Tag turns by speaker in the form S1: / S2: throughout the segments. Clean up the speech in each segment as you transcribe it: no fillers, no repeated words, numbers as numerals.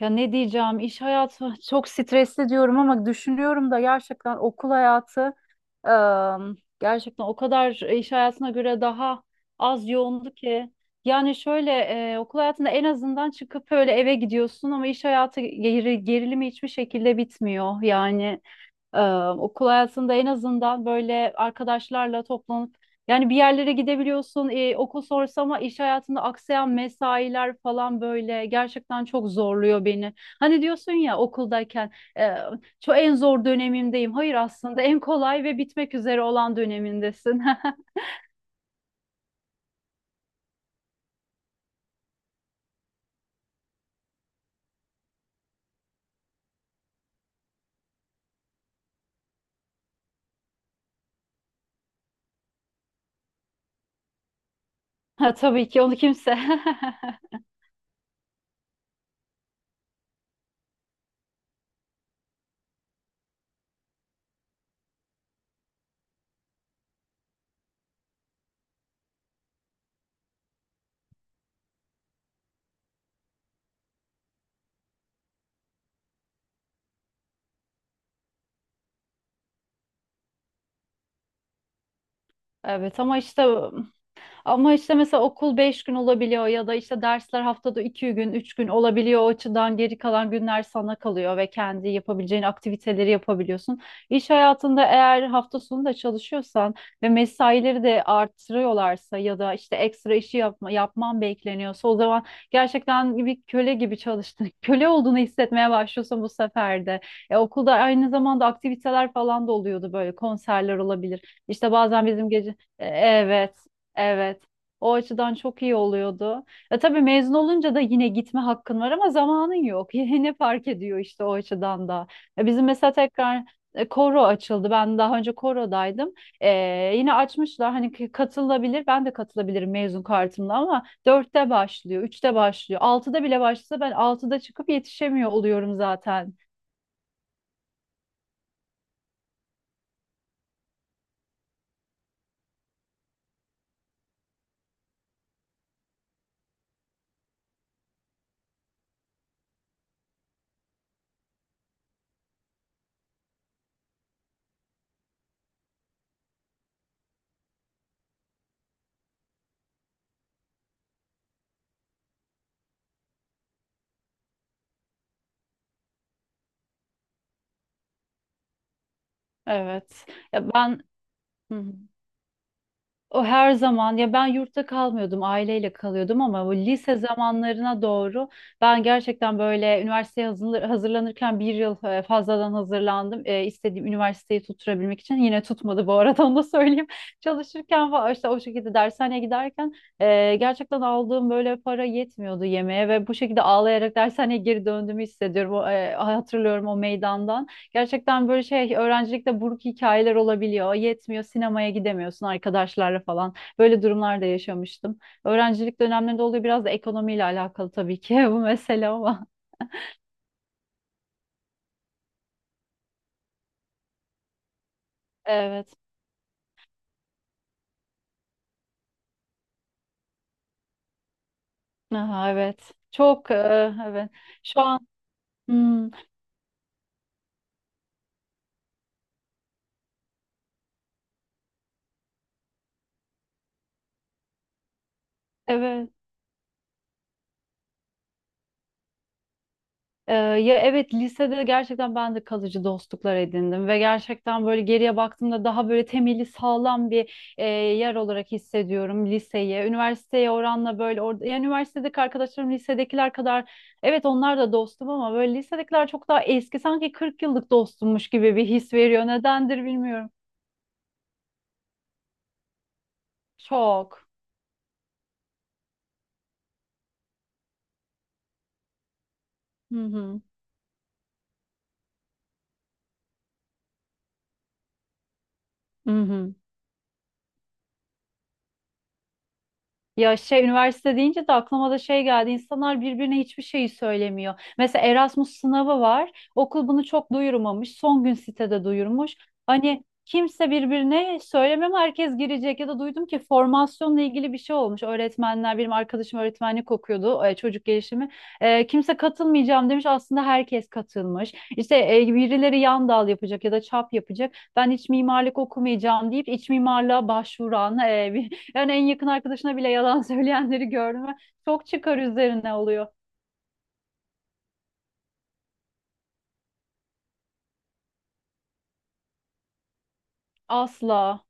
S1: Ya ne diyeceğim, iş hayatı çok stresli diyorum ama düşünüyorum da gerçekten okul hayatı gerçekten o kadar iş hayatına göre daha az yoğundu ki. Yani şöyle okul hayatında en azından çıkıp öyle eve gidiyorsun ama iş hayatı gerilimi hiçbir şekilde bitmiyor. Yani e, okul hayatında en azından böyle arkadaşlarla toplanıp yani bir yerlere gidebiliyorsun, okul sonrası ama iş hayatında aksayan mesailer falan böyle gerçekten çok zorluyor beni. Hani diyorsun ya, okuldayken e, çok en zor dönemimdeyim. Hayır, aslında en kolay ve bitmek üzere olan dönemindesin. Ha, tabii ki onu kimse. Evet ama işte, ama işte mesela okul 5 gün olabiliyor ya da işte dersler haftada 2 gün, 3 gün olabiliyor. O açıdan geri kalan günler sana kalıyor ve kendi yapabileceğin aktiviteleri yapabiliyorsun. İş hayatında eğer hafta sonu da çalışıyorsan ve mesaileri de artırıyorlarsa ya da işte ekstra işi yapman bekleniyorsa o zaman gerçekten bir köle gibi çalıştın. Köle olduğunu hissetmeye başlıyorsun bu sefer de. Okulda aynı zamanda aktiviteler falan da oluyordu, böyle konserler olabilir. İşte bazen bizim gece evet, evet. O açıdan çok iyi oluyordu. Ya tabii mezun olunca da yine gitme hakkın var ama zamanın yok. Yine fark ediyor işte o açıdan da. Ya bizim mesela tekrar koro açıldı. Ben daha önce korodaydım. Yine açmışlar, hani katılabilir. Ben de katılabilirim mezun kartımla ama dörtte başlıyor, üçte başlıyor. Altıda bile başlasa ben altıda çıkıp yetişemiyor oluyorum zaten. Evet. Ya ben, hı hı. O her zaman, ya ben yurtta kalmıyordum, aileyle kalıyordum ama bu lise zamanlarına doğru ben gerçekten böyle üniversiteye hazırlanırken bir yıl fazladan hazırlandım. E, istediğim üniversiteyi tutturabilmek için, yine tutmadı bu arada onu da söyleyeyim. Çalışırken falan işte o şekilde dershaneye giderken gerçekten aldığım böyle para yetmiyordu yemeğe ve bu şekilde ağlayarak dershaneye geri döndüğümü hissediyorum. Hatırlıyorum o meydandan. Gerçekten böyle şey, öğrencilikte buruk hikayeler olabiliyor. Yetmiyor, sinemaya gidemiyorsun arkadaşlarla falan. Böyle durumlar da yaşamıştım. Öğrencilik dönemlerinde oluyor, biraz da ekonomiyle alakalı tabii ki bu mesele ama. Evet. Aha, evet. Çok evet. Şu an, hmm, evet. Ya evet, lisede gerçekten ben de kalıcı dostluklar edindim ve gerçekten böyle geriye baktığımda daha böyle temeli sağlam bir yer olarak hissediyorum liseyi. Üniversiteye oranla böyle orada, yani üniversitedeki arkadaşlarım lisedekiler kadar, evet onlar da dostum ama böyle lisedekiler çok daha eski, sanki 40 yıllık dostummuş gibi bir his veriyor. Nedendir bilmiyorum. Çok. Hı hı. Hı hı. Ya şey, üniversite deyince de aklıma da şey geldi. İnsanlar birbirine hiçbir şeyi söylemiyor. Mesela Erasmus sınavı var. Okul bunu çok duyurmamış. Son gün sitede duyurmuş. Hani kimse birbirine söylemem, herkes girecek. Ya da duydum ki formasyonla ilgili bir şey olmuş. Öğretmenler, benim arkadaşım öğretmenlik okuyordu, çocuk gelişimi. Kimse katılmayacağım demiş. Aslında herkes katılmış. İşte birileri yan dal yapacak ya da çap yapacak. Ben iç mimarlık okumayacağım deyip iç mimarlığa başvuran bir, yani en yakın arkadaşına bile yalan söyleyenleri gördüm. Ve çok çıkar üzerine oluyor. Asla.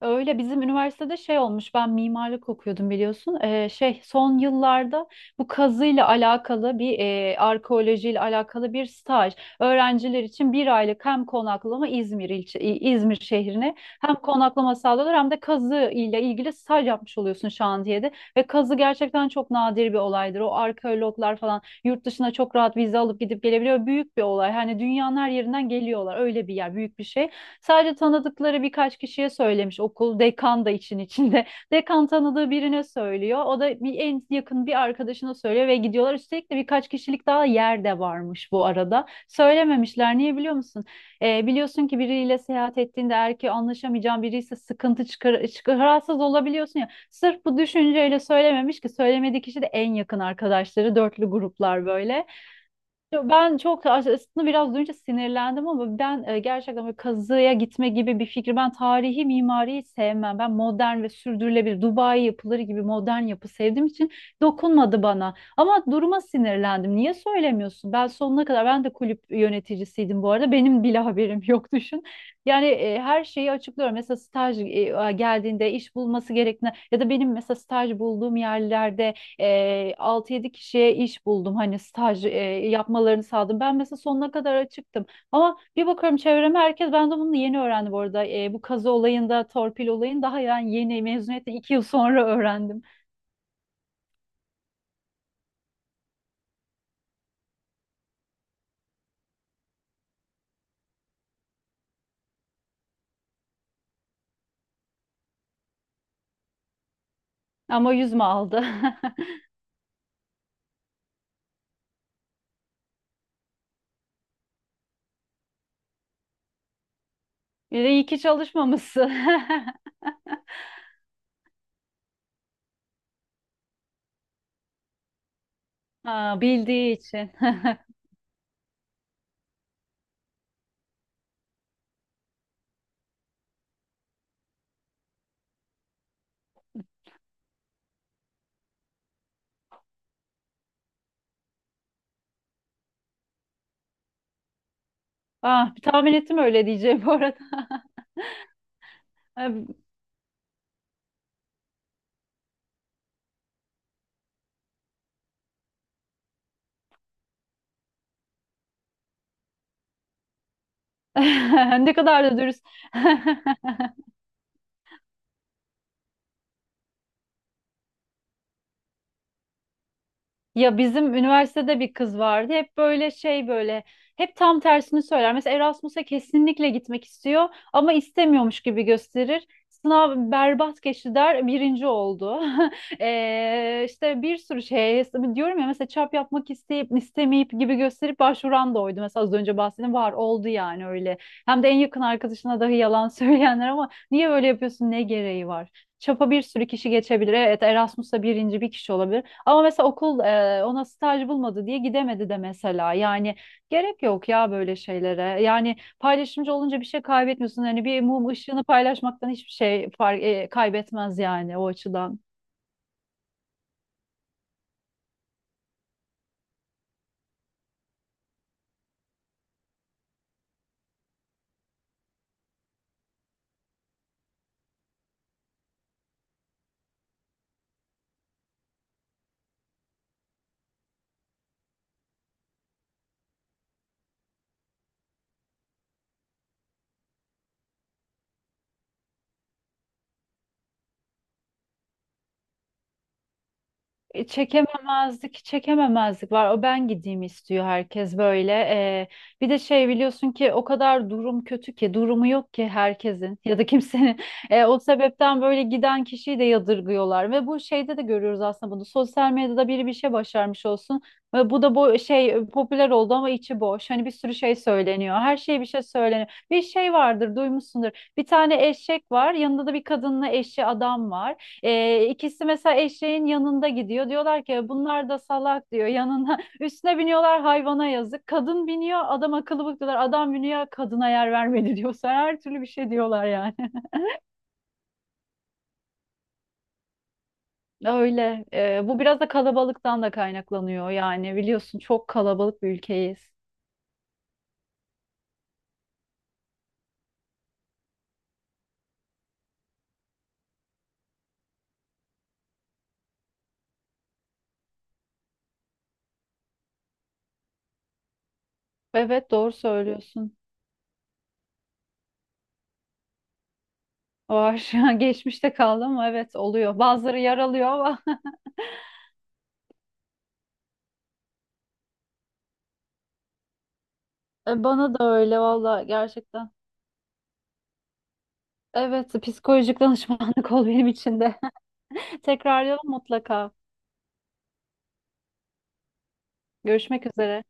S1: Öyle. Bizim üniversitede şey olmuş, ben mimarlık okuyordum biliyorsun. Şey, son yıllarda bu kazıyla alakalı bir arkeolojiyle alakalı bir staj, öğrenciler için bir aylık hem konaklama, İzmir ilçe İzmir şehrine hem konaklama sağlıyorlar hem de kazı ile ilgili staj yapmış oluyorsun şantiyede. Ve kazı gerçekten çok nadir bir olaydır. O arkeologlar falan yurt dışına çok rahat vize alıp gidip gelebiliyor, büyük bir olay, hani dünyanın her yerinden geliyorlar, öyle bir yer, büyük bir şey. Sadece tanıdıkları birkaç kişiye söylemiş okul. Dekan da için içinde. Dekan tanıdığı birine söylüyor. O da bir en yakın bir arkadaşına söylüyor ve gidiyorlar. Üstelik de birkaç kişilik daha yer de varmış bu arada. Söylememişler. Niye biliyor musun? Biliyorsun ki biriyle seyahat ettiğinde, eğer ki anlaşamayacağın biri, sıkıntı çıkar, rahatsız olabiliyorsun ya. Sırf bu düşünceyle söylememiş ki söylemediği kişi de en yakın arkadaşları, dörtlü gruplar böyle. Yo, ben çok aslında, biraz duyunca sinirlendim ama ben gerçekten böyle kazıya gitme gibi bir fikri, ben tarihi mimariyi sevmem. Ben modern ve sürdürülebilir Dubai yapıları gibi modern yapı sevdiğim için dokunmadı bana. Ama duruma sinirlendim. Niye söylemiyorsun? Ben sonuna kadar, ben de kulüp yöneticisiydim bu arada. Benim bile haberim yok düşün. Yani her şeyi açıklıyorum. Mesela staj geldiğinde iş bulması gerektiğine ya da benim mesela staj bulduğum yerlerde 6-7 kişiye iş buldum, hani staj yapmalarını sağladım. Ben mesela sonuna kadar açıktım ama bir bakıyorum çevreme herkes, ben de bunu yeni öğrendim bu arada. Bu kazı olayında torpil olayını daha, yani yeni, mezuniyetten iki yıl sonra öğrendim ama yüzme aldı. Bir de iyi ki çalışmamışsın. Ha, bildiği için. Ah, tahmin ettim öyle diyeceğim bu arada. Ne kadar da dürüst. Ya bizim üniversitede bir kız vardı. Hep böyle şey, böyle hep tam tersini söyler. Mesela Erasmus'a kesinlikle gitmek istiyor ama istemiyormuş gibi gösterir. Sınav berbat geçti der, birinci oldu. İşte bir sürü şey, diyorum ya mesela çap yapmak istemeyip gibi gösterip başvuran da oydu. Mesela az önce bahsettiğim var, oldu yani öyle. Hem de en yakın arkadaşına dahi yalan söyleyenler, ama niye böyle yapıyorsun, ne gereği var? Çapa bir sürü kişi geçebilir. Evet, Erasmus'ta birinci bir kişi olabilir. Ama mesela okul ona staj bulmadı diye gidemedi de mesela. Yani gerek yok ya böyle şeylere. Yani paylaşımcı olunca bir şey kaybetmiyorsun. Hani bir mum ışığını paylaşmaktan hiçbir şey kaybetmez yani o açıdan. Çekememezlik var. O, ben gideyim istiyor herkes böyle. Bir de şey, biliyorsun ki o kadar durum kötü ki, durumu yok ki herkesin ya da kimsenin. O sebepten böyle giden kişiyi de yadırgıyorlar. Ve bu şeyde de görüyoruz aslında bunu. Sosyal medyada biri bir şey başarmış olsun. Ve bu da bu şey popüler oldu ama içi boş. Hani bir sürü şey söyleniyor. Her şeye bir şey söyleniyor. Bir şey vardır, duymuşsundur. Bir tane eşek var. Yanında da bir kadınla eşi adam var. İkisi mesela eşeğin yanında gidiyor. Diyorlar ki bunlar da salak, diyor yanına. Üstüne biniyorlar, hayvana yazık. Kadın biniyor, adam akıllı bak diyorlar. Adam biniyor, kadına yer vermedi diyor. Sen her türlü bir şey diyorlar yani. Öyle. Bu biraz da kalabalıktan da kaynaklanıyor yani. Biliyorsun, çok kalabalık bir ülkeyiz. Evet, doğru söylüyorsun. Var. Geçmişte kaldı ama evet, oluyor. Bazıları yaralıyor ama. E, bana da öyle valla, gerçekten. Evet, psikolojik danışmanlık ol benim için de. Tekrarlayalım mutlaka. Görüşmek üzere.